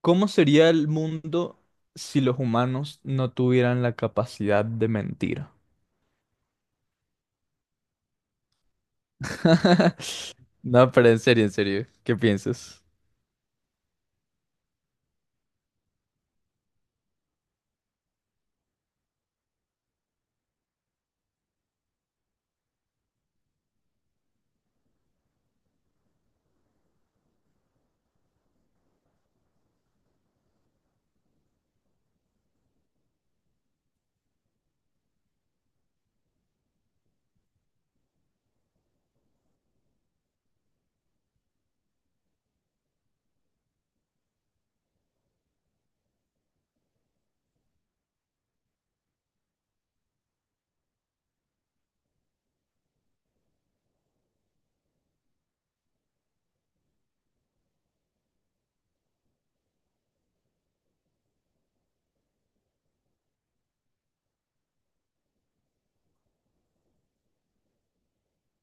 ¿Cómo sería el mundo si los humanos no tuvieran la capacidad de mentir? No, pero en serio, ¿qué piensas?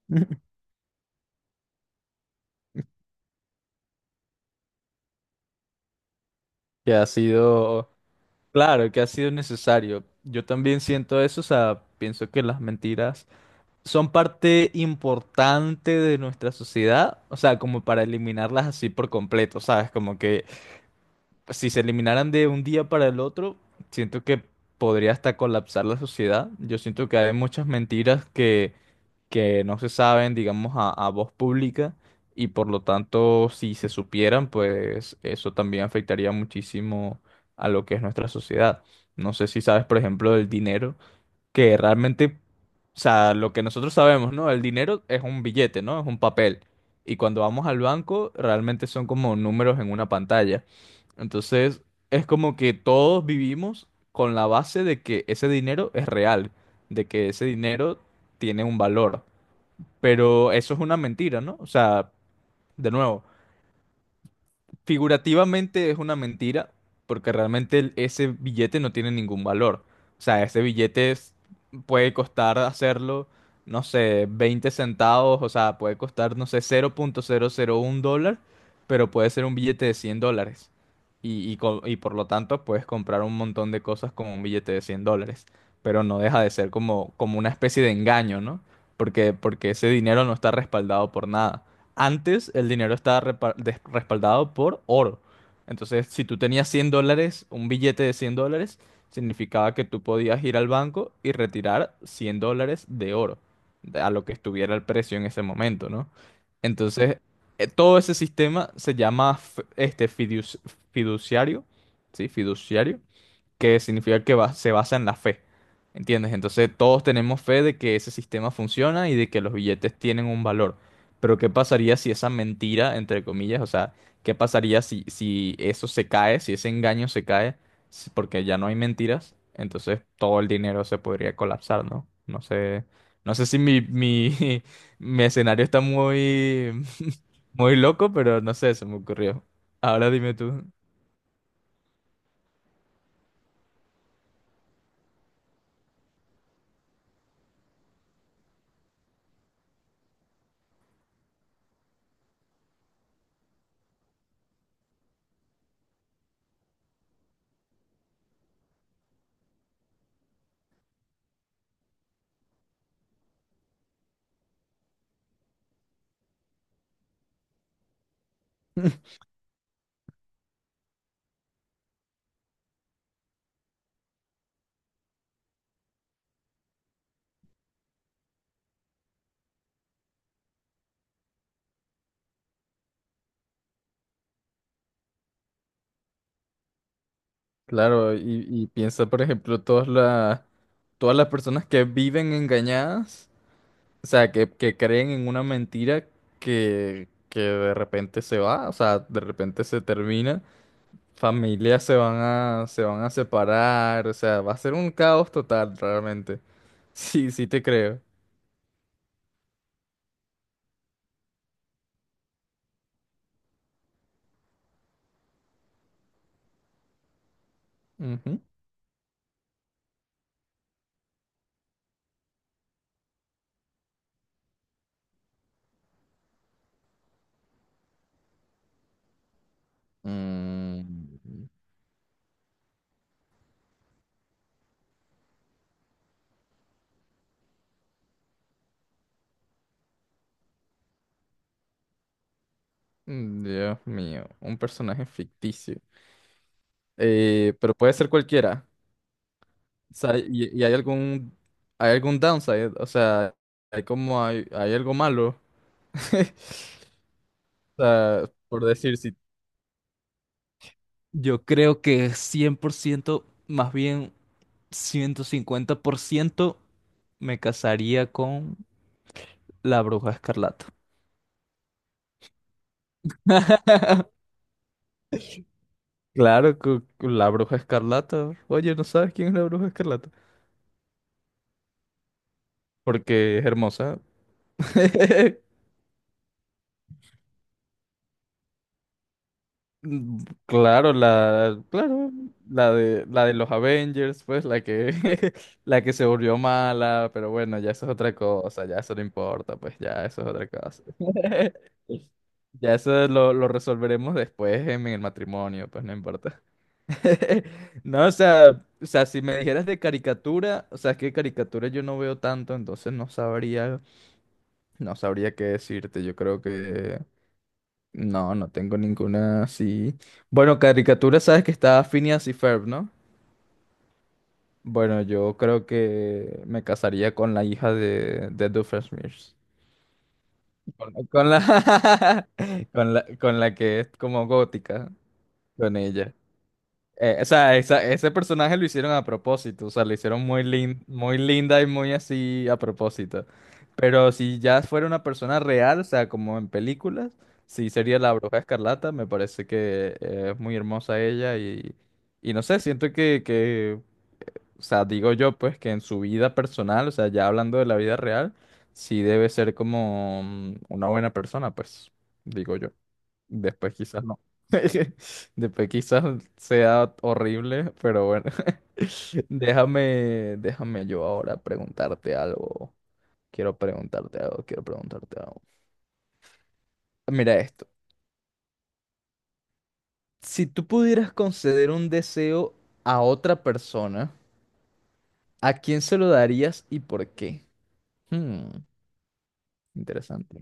Que ha sido, claro, que ha sido necesario. Yo también siento eso, o sea, pienso que las mentiras son parte importante de nuestra sociedad, o sea, como para eliminarlas así por completo, ¿sabes? Como que si se eliminaran de un día para el otro, siento que podría hasta colapsar la sociedad. Yo siento que hay muchas mentiras que no se saben, digamos, a voz pública y por lo tanto, si se supieran, pues eso también afectaría muchísimo a lo que es nuestra sociedad. No sé si sabes, por ejemplo, del dinero que realmente, o sea, lo que nosotros sabemos, ¿no? El dinero es un billete, ¿no? Es un papel. Y cuando vamos al banco, realmente son como números en una pantalla. Entonces, es como que todos vivimos con la base de que ese dinero es real, de que ese dinero tiene un valor. Pero eso es una mentira, ¿no? O sea, de nuevo. Figurativamente es una mentira, porque realmente ese billete no tiene ningún valor. O sea, ese billete puede costar hacerlo, no sé, 20 centavos, o sea, puede costar, no sé, 0,001 dólar, pero puede ser un billete de 100 dólares. Y por lo tanto puedes comprar un montón de cosas con un billete de 100 dólares, pero no deja de ser como, como una especie de engaño, ¿no? Porque ese dinero no está respaldado por nada. Antes el dinero estaba respaldado por oro. Entonces, si tú tenías 100 dólares, un billete de 100 dólares, significaba que tú podías ir al banco y retirar 100 dólares de oro, a lo que estuviera el precio en ese momento, ¿no? Entonces, todo ese sistema se llama este fiduciario, ¿sí? Fiduciario, que significa que se basa en la fe. ¿Entiendes? Entonces todos tenemos fe de que ese sistema funciona y de que los billetes tienen un valor. Pero ¿qué pasaría si esa mentira, entre comillas, o sea, qué pasaría si eso se cae, si ese engaño se cae, porque ya no hay mentiras? Entonces todo el dinero se podría colapsar, ¿no? No sé si mi escenario está muy, muy loco, pero no sé, se me ocurrió. Ahora dime tú. Claro, y piensa, por ejemplo, todas las personas que viven engañadas, o sea, que creen en una mentira que de repente se va, o sea, de repente se termina, familias se van a separar, o sea, va a ser un caos total realmente. Sí, sí te creo. Ujú. Mm, Dios mío, un personaje ficticio. Pero puede ser cualquiera. O sea, y hay algún downside, o sea, hay algo malo. O sea, por decir, si, yo creo que 100%, más bien 150%, me casaría con la Bruja Escarlata. Claro, la Bruja Escarlata, oye, ¿no sabes quién es la Bruja Escarlata? Porque es hermosa. Mm, Claro, claro, la de los Avengers, pues, la que, la que se volvió mala, pero bueno, ya eso es otra cosa, ya eso no importa, pues, ya eso es otra cosa. Ya eso lo resolveremos después en el matrimonio, pues no importa. No, o sea, si me dijeras de caricatura, o sea, es que caricatura yo no veo tanto, entonces no sabría, no sabría qué decirte. Yo creo que no, no tengo ninguna así. Bueno, caricatura, sabes que está Phineas y Ferb, ¿no? Bueno, yo creo que me casaría con la hija de Doofenshmirtz. Con, con la, con la que es como gótica, con ella. O sea, ese personaje lo hicieron a propósito, o sea, lo hicieron muy linda y muy así a propósito. Pero si ya fuera una persona real, o sea, como en películas, sí sería la Bruja Escarlata. Me parece que es muy hermosa ella y no sé, siento o sea, digo yo pues que en su vida personal, o sea, ya hablando de la vida real, sí debe ser como una buena persona, pues, digo yo. Después quizás no. Después quizás sea horrible, pero bueno. Déjame yo ahora preguntarte algo. Quiero preguntarte algo, quiero preguntarte algo. Mira esto. Si tú pudieras conceder un deseo a otra persona, ¿a quién se lo darías y por qué? Hmm, interesante.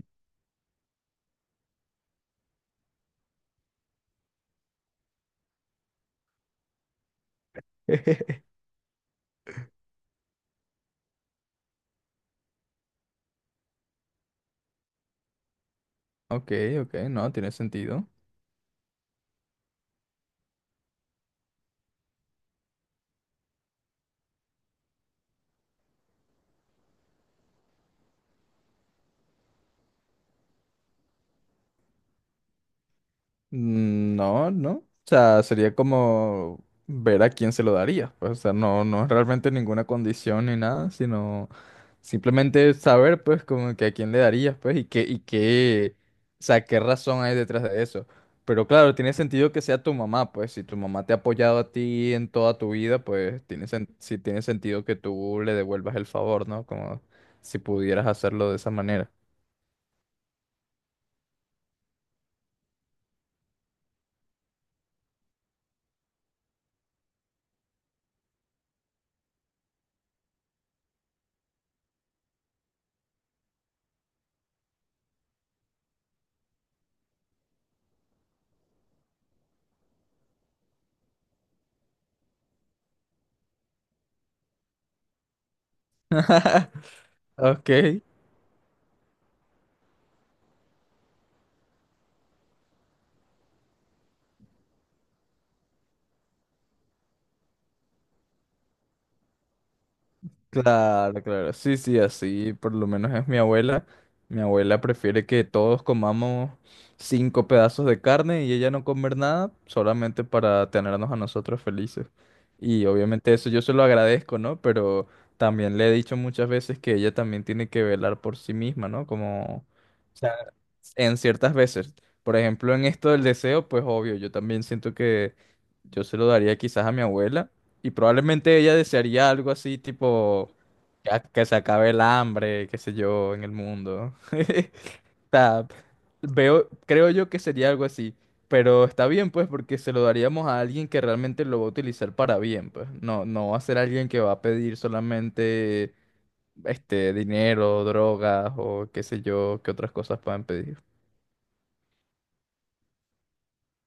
Ok, ok, no, tiene sentido. No, no. O sea, sería como ver a quién se lo daría. Pues, o sea, no, no es realmente ninguna condición ni nada, sino simplemente saber, pues, como que a quién le darías, pues, y qué, o sea, qué razón hay detrás de eso. Pero claro, tiene sentido que sea tu mamá, pues, si tu mamá te ha apoyado a ti en toda tu vida, pues, sí tiene sentido que tú le devuelvas el favor, ¿no? Como si pudieras hacerlo de esa manera. Ok. Claro, claro. Sí, sí, así por lo menos es mi abuela. Mi abuela prefiere que todos comamos cinco pedazos de carne y ella no comer nada solamente para tenernos a nosotros felices. Y obviamente eso yo se lo agradezco, ¿no? Pero también le he dicho muchas veces que ella también tiene que velar por sí misma, ¿no? Como en ciertas veces. Por ejemplo, en esto del deseo, pues obvio, yo también siento que yo se lo daría quizás a mi abuela, y probablemente ella desearía algo así tipo ya que se acabe el hambre, qué sé yo, en el mundo. O sea, veo, creo yo que sería algo así, pero está bien pues porque se lo daríamos a alguien que realmente lo va a utilizar para bien, pues. No, no va a ser alguien que va a pedir solamente este dinero, drogas o qué sé yo, qué otras cosas puedan pedir.